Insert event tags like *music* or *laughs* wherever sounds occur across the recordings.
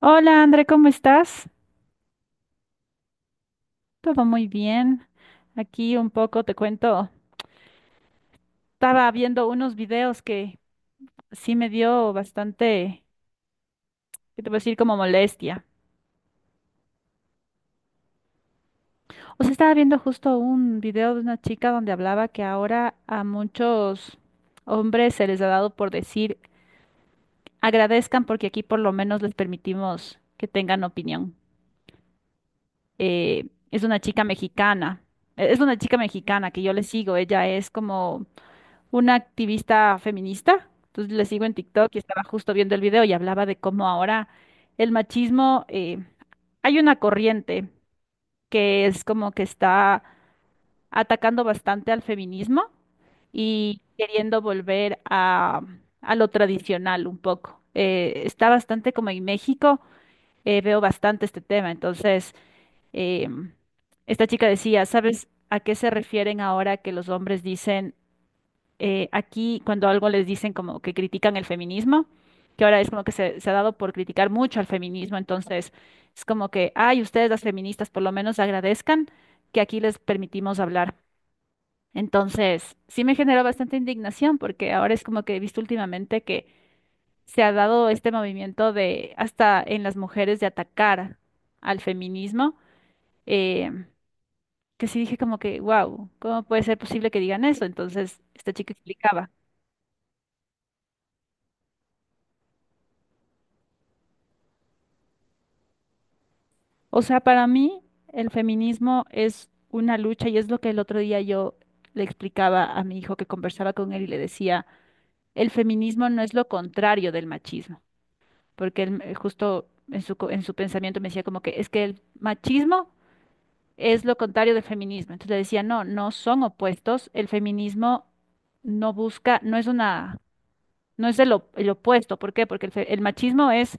Hola André, ¿cómo estás? Todo muy bien. Aquí un poco te cuento. Estaba viendo unos videos que sí me dio bastante, ¿qué te puedo decir? Como molestia. O sea, estaba viendo justo un video de una chica donde hablaba que ahora a muchos hombres se les ha dado por decir agradezcan porque aquí por lo menos les permitimos que tengan opinión. Es una chica mexicana. Es una chica mexicana que yo le sigo. Ella es como una activista feminista. Entonces le sigo en TikTok y estaba justo viendo el video y hablaba de cómo ahora el machismo, hay una corriente que es como que está atacando bastante al feminismo y queriendo volver a lo tradicional un poco. Está bastante como en México, veo bastante este tema. Entonces, em, esta chica decía, ¿sabes a qué se refieren ahora que los hombres dicen aquí cuando algo les dicen como que critican el feminismo, que ahora es como que se ha dado por criticar mucho al feminismo, entonces es como que, ay, ustedes las feministas por lo menos agradezcan que aquí les permitimos hablar. Entonces, sí me generó bastante indignación porque ahora es como que he visto últimamente que se ha dado este movimiento de hasta en las mujeres de atacar al feminismo, eh, que sí dije como que, wow, ¿cómo puede ser posible que digan eso? Entonces, esta chica explicaba. O sea, para mí el feminismo es una lucha y es lo que el otro día yo le explicaba a mi hijo que conversaba con él y le decía, el feminismo no es lo contrario del machismo, porque él justo en su pensamiento me decía como que es que el machismo es lo contrario del feminismo. Entonces le decía, no, no son opuestos, el feminismo no busca, no es una, no es el, op- el opuesto. ¿Por qué? Porque el machismo es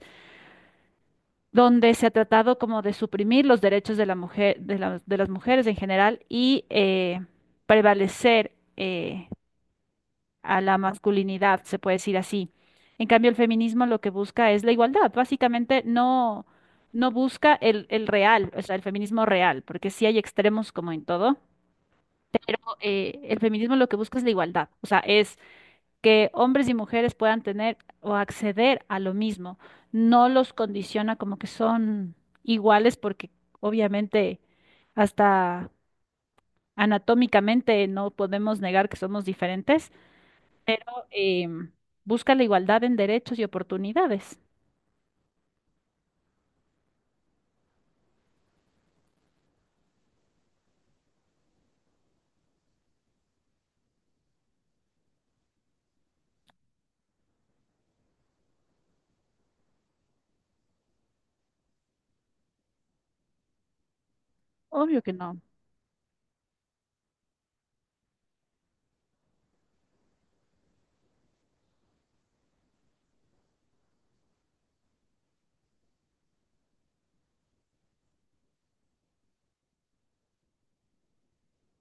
donde se ha tratado como de suprimir los derechos de la mujer, de las mujeres en general y prevalecer a la masculinidad, se puede decir así. En cambio, el feminismo lo que busca es la igualdad. Básicamente no busca el real, o sea, el feminismo real, porque sí hay extremos como en todo. El feminismo lo que busca es la igualdad, o sea, es que hombres y mujeres puedan tener o acceder a lo mismo. No los condiciona como que son iguales porque obviamente hasta anatómicamente no podemos negar que somos diferentes. Em, busca la igualdad en derechos y oportunidades. Obvio que no.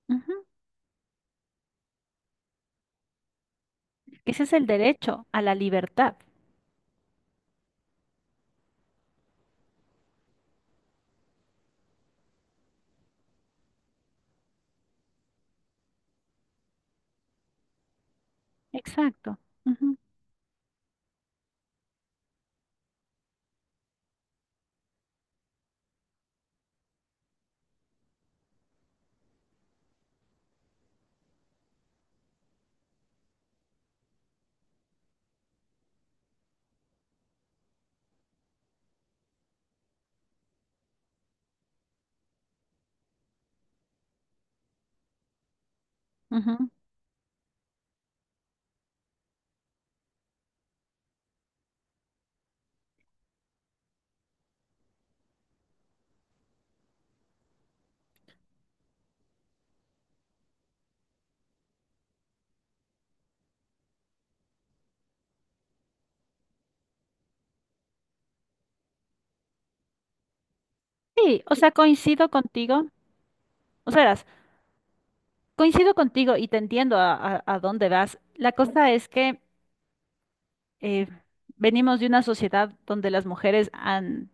Ujú. Ese es el derecho a la libertad. Exacto. Ujú, ujú. Sí, o sea, coincido contigo. O sea, verás, coincido contigo y te entiendo a dónde vas. La cosa es que eh, venimos de una sociedad donde las mujeres han,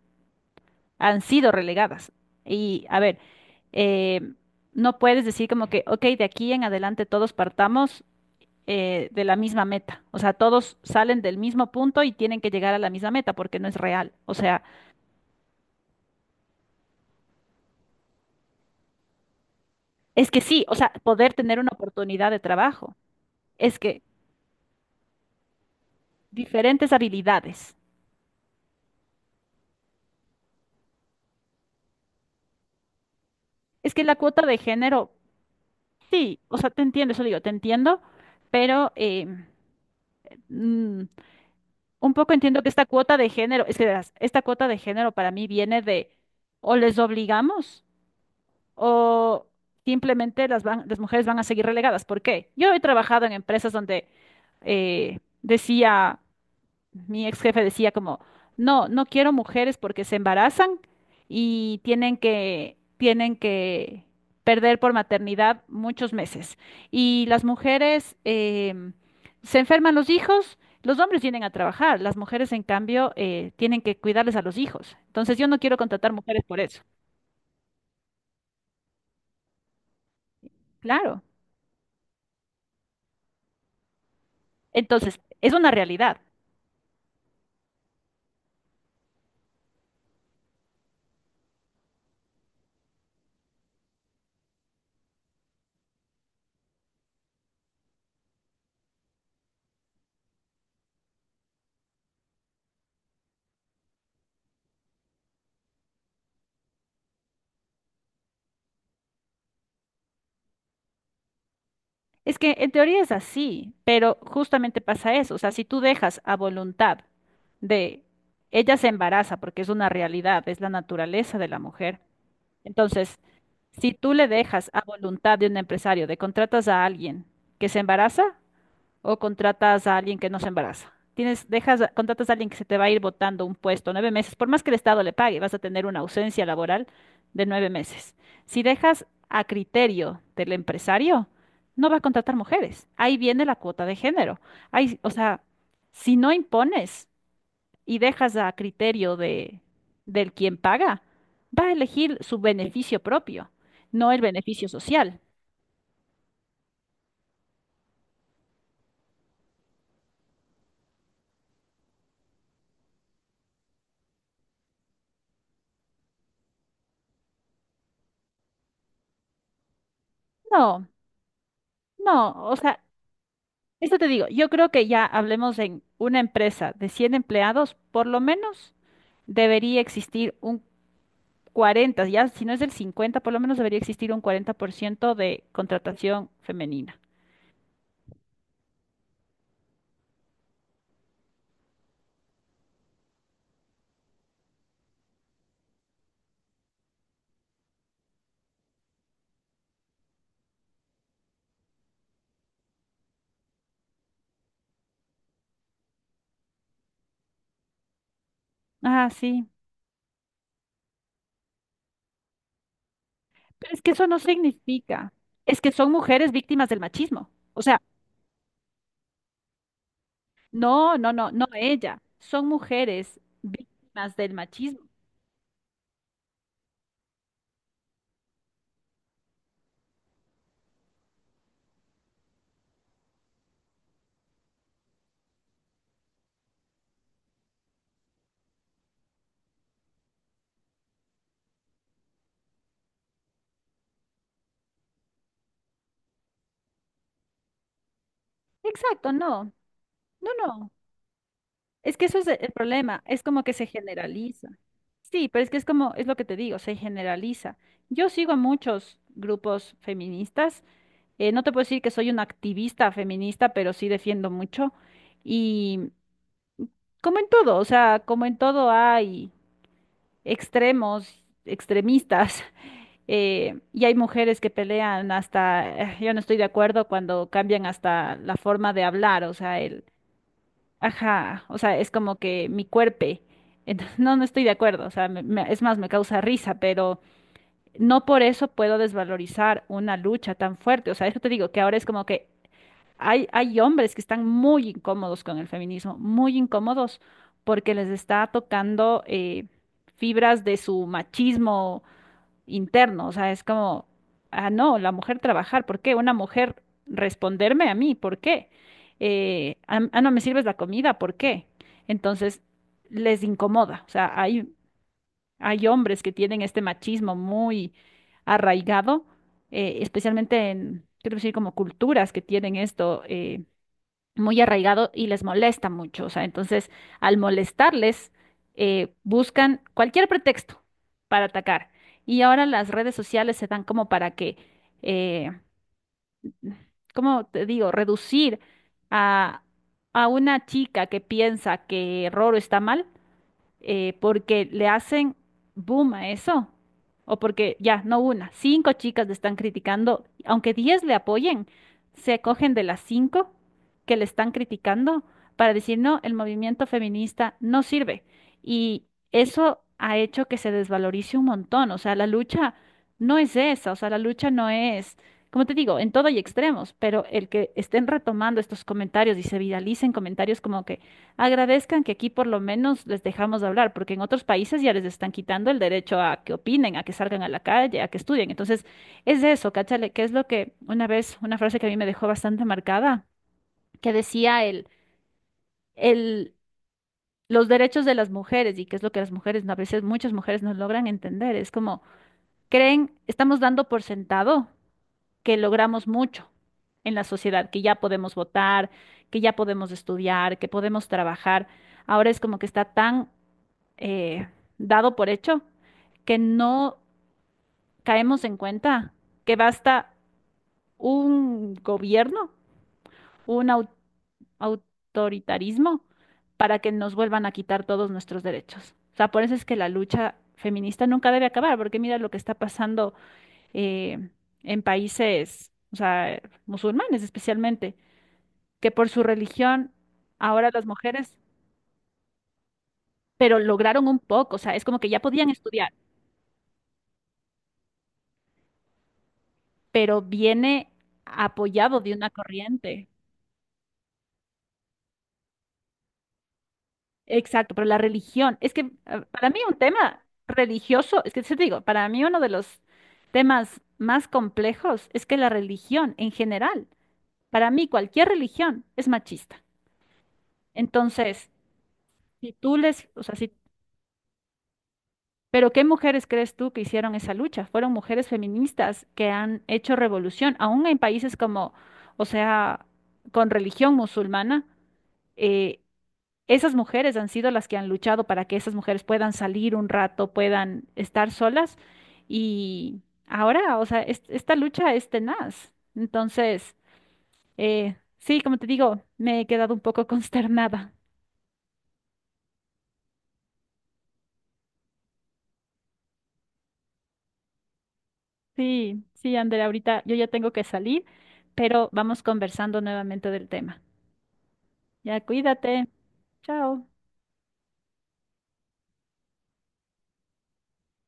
han sido relegadas. Y a ver, eh, no puedes decir como que, ok, de aquí en adelante todos partamos de la misma meta. O sea, todos salen del mismo punto y tienen que llegar a la misma meta porque no es real. O sea, es que sí, o sea, poder tener una oportunidad de trabajo. Es que diferentes habilidades. Es que la cuota de género, sí, o sea, te entiendo, eso digo, te entiendo, pero, mm, un poco entiendo que esta cuota de género, es que verás, esta cuota de género para mí viene de o les obligamos o simplemente las mujeres van a seguir relegadas. ¿Por qué? Yo he trabajado en empresas donde decía mi ex jefe decía como, no, no quiero mujeres porque se embarazan y tienen que perder por maternidad muchos meses. Y las mujeres se enferman los hijos, los hombres vienen a trabajar, las mujeres en cambio tienen que cuidarles a los hijos. Entonces yo no quiero contratar mujeres por eso. Claro. Entonces, es una realidad. Es que en teoría es así, pero justamente pasa eso. O sea, si tú dejas a voluntad de ella se embaraza, porque es una realidad, es la naturaleza de la mujer. Entonces, si tú le dejas a voluntad de un empresario, de contratas a alguien que se embaraza, o contratas a alguien que no se embaraza. Tienes, dejas, contratas a alguien que se te va a ir botando un puesto 9 meses, por más que el Estado le pague, vas a tener una ausencia laboral de 9 meses. Si dejas a criterio del empresario, no va a contratar mujeres. Ahí viene la cuota de género. Ahí, o sea, si no impones y dejas a criterio del quien paga, va a elegir su beneficio propio, no el beneficio social. No, no, o sea, esto te digo, yo creo que ya hablemos en una empresa de 100 empleados, por lo menos debería existir un 40, ya si no es del 50, por lo menos debería existir un 40% de contratación femenina. Ah, sí. Pero es que eso no significa, es que son mujeres víctimas del machismo. O sea, no, no, no, no ella, son mujeres víctimas del machismo. Exacto, no, no, no. Es que eso es el problema, es como que se generaliza. Sí, pero es que es como, es lo que te digo, se generaliza. Yo sigo a muchos grupos feministas, no te puedo decir que soy una activista feminista, pero sí defiendo mucho. Y como en todo, o sea, como en todo hay extremos, extremistas, *laughs* y hay mujeres que pelean hasta, yo no estoy de acuerdo cuando cambian hasta la forma de hablar, o sea, el, ajá, o sea, es como que mi cuerpo. Entonces, no, no estoy de acuerdo, o sea, es más, me causa risa, pero no por eso puedo desvalorizar una lucha tan fuerte. O sea, eso te digo, que ahora es como que hay hombres que están muy incómodos con el feminismo, muy incómodos, porque les está tocando fibras de su machismo interno, o sea, es como, ah, no, la mujer trabajar, ¿por qué? Una mujer responderme a mí, ¿por qué? Ah, ah, no me sirves la comida, ¿por qué? Entonces, les incomoda, o sea, hay hombres que tienen este machismo muy arraigado, especialmente en, quiero decir, como culturas que tienen esto, muy arraigado y les molesta mucho. O sea, entonces, al molestarles, buscan cualquier pretexto para atacar. Y ahora las redes sociales se dan como para que, eh, ¿cómo te digo?, reducir a, a una chica que piensa que Roro está mal porque le hacen boom a eso. O porque ya, no una, cinco chicas le están criticando, aunque 10 le apoyen, se cogen de las cinco que le están criticando para decir, no, el movimiento feminista no sirve. Y eso ha hecho que se desvalorice un montón. O sea, la lucha no es esa, o sea, la lucha no es, como te digo, en todo hay extremos, pero el que estén retomando estos comentarios y se viralicen comentarios como que agradezcan que aquí por lo menos les dejamos hablar, porque en otros países ya les están quitando el derecho a que opinen, a que salgan a la calle, a que estudien. Entonces, es eso, cáchale, que es lo que una vez, una frase que a mí me dejó bastante marcada, que decía el, los derechos de las mujeres y que es lo que las mujeres, a veces muchas mujeres no logran entender. Es como, creen, estamos dando por sentado que logramos mucho en la sociedad, que ya podemos votar, que ya podemos estudiar, que podemos trabajar. Ahora es como que está tan eh, dado por hecho, que no caemos en cuenta que basta un gobierno, un autoritarismo, para que nos vuelvan a quitar todos nuestros derechos. O sea, por eso es que la lucha feminista nunca debe acabar, porque mira lo que está pasando eh, en países, o sea, musulmanes especialmente, que por su religión ahora las mujeres, pero lograron un poco, o sea, es como que ya podían estudiar, pero viene apoyado de una corriente. Exacto, pero la religión, es que para mí un tema religioso, es que sí te digo, para mí uno de los temas más complejos es que la religión en general, para mí cualquier religión es machista. Entonces, si tú les, o sea, si, pero ¿qué mujeres crees tú que hicieron esa lucha? Fueron mujeres feministas que han hecho revolución, aún en países como, o sea, con religión musulmana. eh, Esas mujeres han sido las que han luchado para que esas mujeres puedan salir un rato, puedan estar solas y ahora, o sea, esta lucha es tenaz. Entonces, sí, como te digo, me he quedado un poco *laughs* consternada. Sí, sí, Ander, ahorita yo ya tengo que salir, pero vamos conversando nuevamente del tema. Ya, cuídate. Chao.